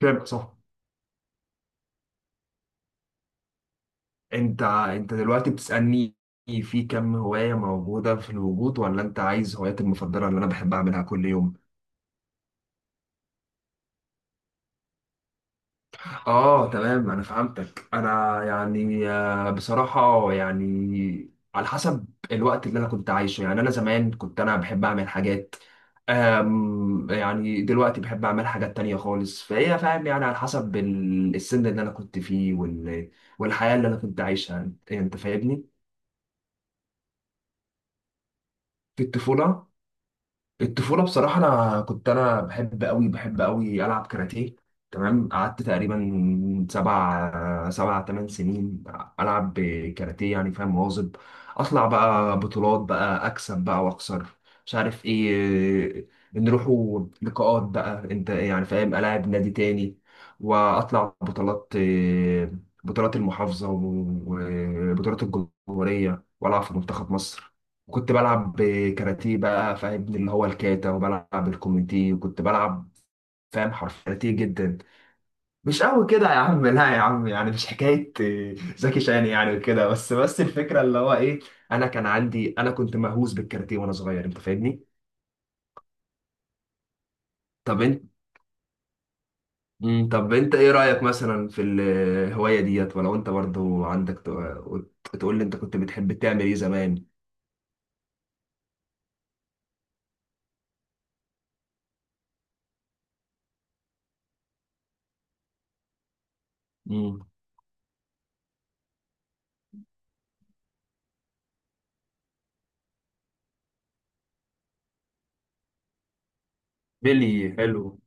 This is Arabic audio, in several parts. كام صح. انت دلوقتي بتسألني في كم هواية موجودة في الوجود، ولا انت عايز هواياتي المفضلة اللي انا بحب اعملها كل يوم؟ اه، تمام. انا فهمتك. انا يعني بصراحة يعني على حسب الوقت اللي انا كنت عايشه. يعني انا زمان كنت بحب اعمل حاجات. يعني دلوقتي بحب اعمل حاجات تانية خالص، فهي فاهم يعني على حسب السن اللي انا كنت فيه والحياة اللي انا كنت عايشها، انت فاهمني. في الطفولة. الطفولة بصراحة، أنا كنت بحب أوي بحب أوي ألعب كاراتيه. تمام، قعدت تقريبا سبع تمن سنين ألعب كاراتيه، يعني فاهم، مواظب. أطلع بقى بطولات، بقى أكسب بقى وأخسر، مش عارف إيه. نروحوا لقاءات بقى، أنت يعني فاهم، ألاعب نادي تاني وأطلع بطولات، بطولات المحافظة وبطولات الجمهورية، وألعب في منتخب مصر. وكنت بلعب كاراتيه بقى، فاهم، اللي هو الكاتا وبلعب الكوميتي، وكنت بلعب، فاهم، حرف كاراتيه جدا. مش قوي كده يا عم، لا يا عم، يعني مش حكاية زكي شان يعني وكده. بس الفكرة اللي هو ايه، انا كان عندي انا كنت مهووس بالكاراتيه وانا صغير، انت فاهمني. طب انت، طب انت ايه رأيك مثلا في الهواية ديت، ولو انت برضو عندك، تقول لي انت كنت بتحب تعمل ايه زمان. مم. بيلي، حلو.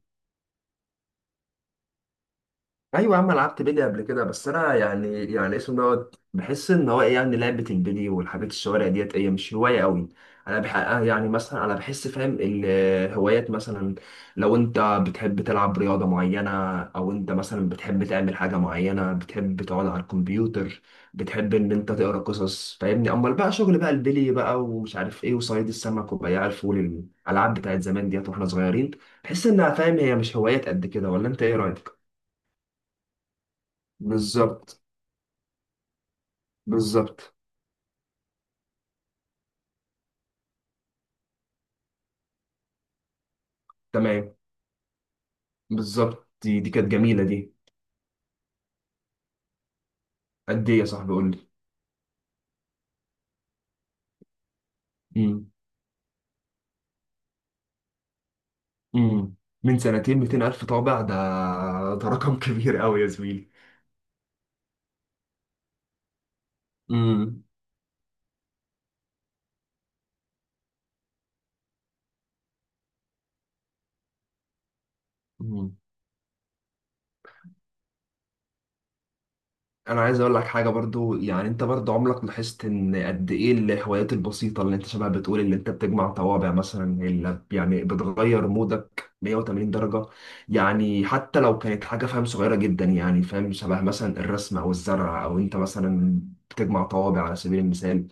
ايوه يا عم، أنا لعبت بيلي قبل كده، بس انا يعني اسمه دوت، بحس ان هو ايه يعني لعبه البيلي والحاجات الشوارع ديت ايه مش هوايه قوي. انا بح يعني مثلا انا بحس، فاهم، الهوايات مثلا، لو انت بتحب تلعب رياضه معينه، او انت مثلا بتحب تعمل حاجه معينه، بتحب تقعد على الكمبيوتر، بتحب ان انت تقرا قصص، فاهمني، امال بقى شغل بقى البيلي بقى ومش عارف ايه وصيد السمك وبياع الفول، الالعاب بتاعت زمان ديت واحنا صغيرين، بحس انها فاهم هي مش هوايات قد كده، ولا انت ايه رايك؟ بالظبط. بالظبط. تمام. بالظبط، دي كانت جميلة دي. قد ايه يا صاحبي، قول لي. امم. امم. من سنتين، 200 ألف طابع، ده ده رقم كبير قوي يا زميلي. امم. انا عايز اقول لك حاجه برضو، يعني انت برضو عمرك لاحظت ان قد ايه الهوايات البسيطه، اللي انت شبه بتقول اللي انت بتجمع طوابع مثلا، اللي يعني بتغير مودك 180 درجه. يعني حتى لو كانت حاجه، فاهم، صغيره جدا، يعني فاهم، شبه مثلا الرسم او الزرع، او انت مثلا بتجمع طوابع على سبيل المثال،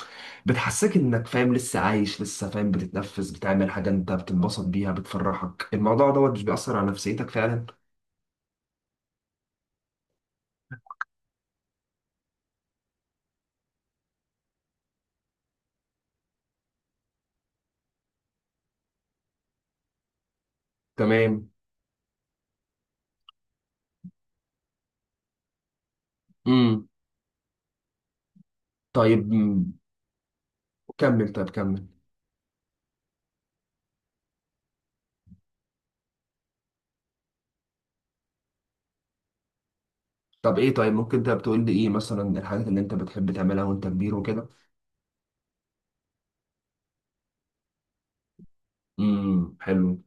بتحسسك انك، فاهم، لسه عايش، لسه فاهم بتتنفس، بتعمل حاجه انت بتنبسط بيها، بتفرحك. الموضوع دوت مش بيأثر على نفسيتك فعلا. تمام. امم. طيب، مم. كمل، طيب كمل. طب ايه، طيب ممكن انت بتقول لي ايه مثلا الحاجات اللي انت بتحب تعملها وانت كبير وكده؟ امم، حلو.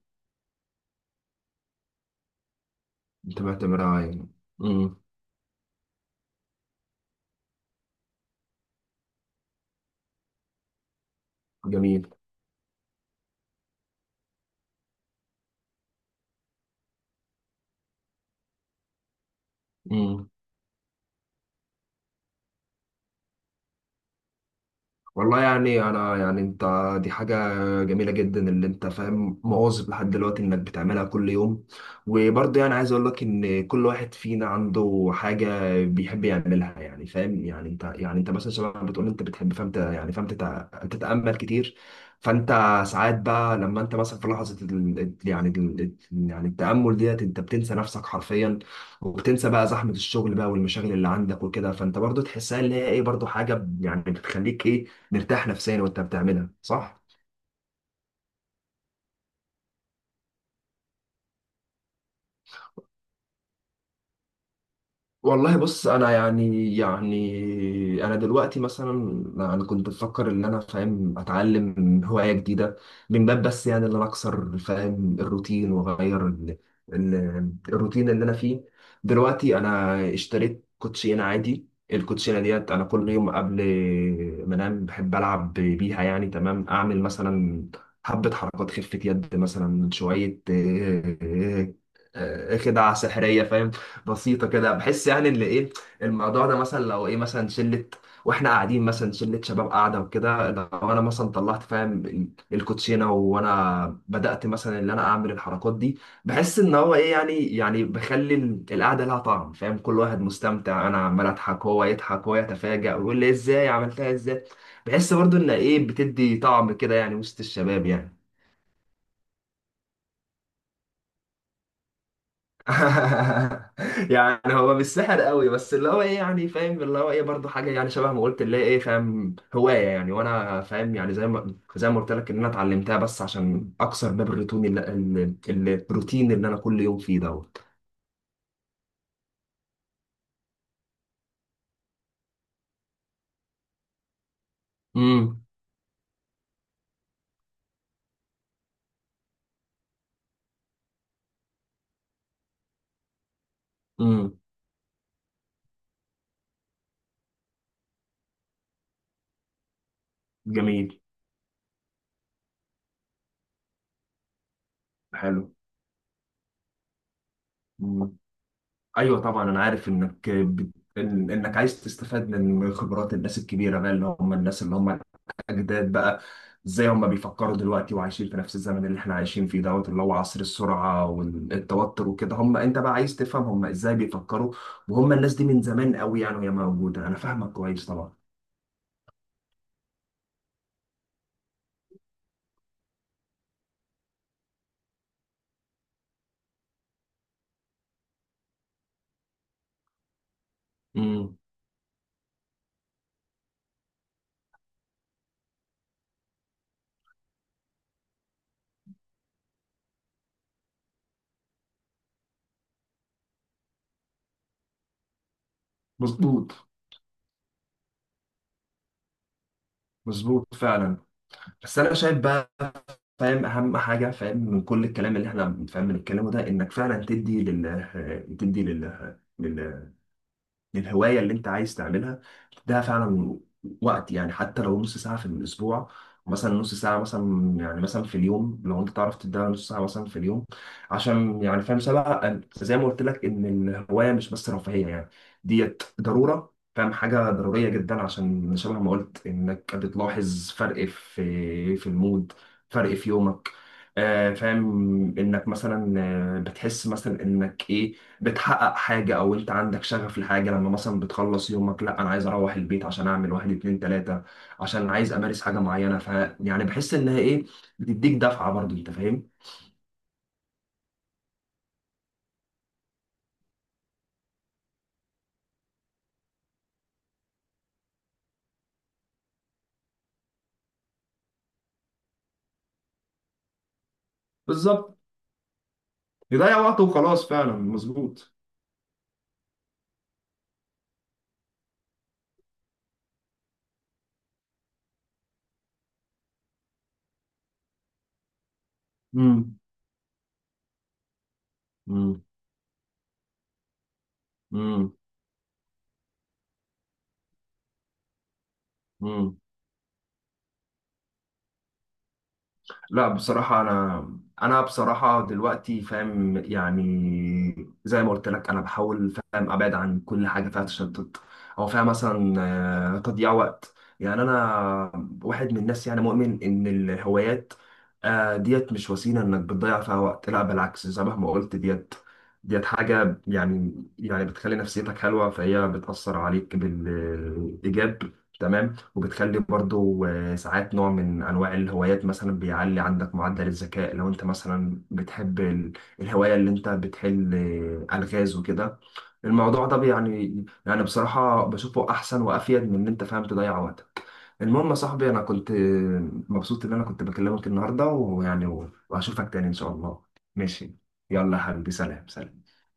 انت معتبرها يعني، امم. جميل. إمم. والله يعني انا، يعني انت، دي حاجة جميلة جدا اللي انت، فاهم، مواظب لحد دلوقتي انك بتعملها كل يوم. وبرضه يعني عايز اقول لك ان كل واحد فينا عنده حاجة بيحب يعملها، يعني فاهم، يعني انت، يعني انت مثلا شباب، بتقول انت بتحب، فاهم، يعني فاهم تتأمل كتير. فانت ساعات بقى لما انت مثلا في لحظة يعني يعني التأمل ديت، انت بتنسى نفسك حرفيا، وبتنسى بقى زحمة الشغل بقى والمشاغل اللي عندك وكده. فانت برضو تحسها اللي هي ايه، برضو حاجة يعني بتخليك ايه، مرتاح نفسيا وانت بتعملها، صح؟ والله بص، انا يعني انا دلوقتي مثلا، انا كنت بفكر ان انا، فاهم، اتعلم هوايه جديده، من باب بس يعني ان انا اكسر، فاهم، الروتين واغير الروتين اللي انا فيه. دلوقتي انا اشتريت كوتشينه عادي. الكوتشينه ديت انا كل يوم قبل ما انام بحب العب بيها يعني. تمام، اعمل مثلا حبه حركات خفه يد، مثلا شويه آه، خدعة سحرية بسيطه كده، بحس يعني ان ايه، الموضوع ده مثلا لو ايه، مثلا شله واحنا قاعدين، مثلا شله شباب قاعده وكده، لو انا مثلا طلعت، فاهم، الكوتشينه وانا بدات مثلا ان انا اعمل الحركات دي، بحس ان هو ايه، يعني بخلي القعده لها طعم، فاهم، كل واحد مستمتع، انا عمال اضحك، هو يضحك، هو يتفاجئ ويقول لي ازاي عملتها ازاي. بحس برضو ان ايه، بتدي طعم كده يعني وسط الشباب يعني. يعني هو مش سحر قوي، بس اللي هو ايه يعني، فاهم، اللي هو ايه برضه حاجه يعني شبه ما قلت، اللي هي ايه، فاهم، هوايه يعني، وانا فاهم يعني زي ما قلت لك ان انا اتعلمتها بس عشان اكسر باب الروتين، الروتين اللي انا كل يوم فيه دوت. امم. امم. جميل. حلو. مم. ايوه طبعا، انا عارف انك انك عايز تستفاد من خبرات الناس الكبيره بقى، اللي هم الناس اللي هم اجداد بقى. ازاي هم بيفكروا دلوقتي وعايشين في نفس الزمن اللي احنا عايشين فيه دوت، اللي هو عصر السرعه والتوتر وكده. هم انت بقى عايز تفهم هم ازاي بيفكروا، وهم الناس دي من زمان قوي يعني وهي موجوده، انا فاهمك كويس طبعا. امم. مظبوط. مظبوط فعلا. بس انا شايف بقى، فاهم، اهم حاجه فاهم من كل الكلام اللي احنا فاهم بنتكلمه ده، انك فعلا تدي لل للهواية اللي انت عايز تعملها ده فعلا وقت، يعني حتى لو نص ساعة في الأسبوع، مثلا نص ساعة مثلا، يعني مثلا في اليوم، لو انت تعرف تديها نص ساعة مثلا في اليوم، عشان يعني، فاهم، سبق زي ما قلت لك، إن الهواية مش بس رفاهية يعني، ديت ضرورة، فاهم، حاجة ضرورية جدا. عشان شبه ما قلت، إنك بتلاحظ فرق في المود، فرق في يومك. فاهم، إنك مثلا بتحس مثلا إنك إيه، بتحقق حاجة، أو أنت عندك شغف لحاجة. لما مثلا بتخلص يومك، لا أنا عايز أروح البيت عشان أعمل واحد اتنين تلاتة، عشان عايز أمارس حاجة معينة، ف يعني بحس إنها إيه، بتديك دفعة برضو، أنت فاهم؟ بالظبط. يضيع وقته وخلاص، فعلا مظبوط. امم. امم. امم. لا بصراحة أنا، أنا بصراحة دلوقتي، فاهم، يعني زي ما قلت لك، أنا بحاول، فاهم، أبعد عن كل حاجة فيها تشتت، أو فيها مثلا تضييع وقت. يعني أنا واحد من الناس يعني مؤمن إن الهوايات ديت مش وسيلة إنك بتضيع فيها وقت، لا بالعكس زي ما قلت، ديت ديت حاجة يعني، يعني بتخلي نفسيتك حلوة فهي بتأثر عليك بالإيجاب. تمام. وبتخلي برضو ساعات نوع من أنواع الهوايات مثلا بيعلي عندك معدل الذكاء، لو أنت مثلا بتحب الهواية اللي أنت بتحل ألغاز وكده. الموضوع ده يعني بصراحة بشوفه أحسن وأفيد من إن أنت، فاهم، تضيع وقتك. المهم يا صاحبي، أنا كنت مبسوط إن أنا كنت بكلمك النهاردة، وهشوفك تاني إن شاء الله. ماشي، يلا يا حبيبي، سلام سلام.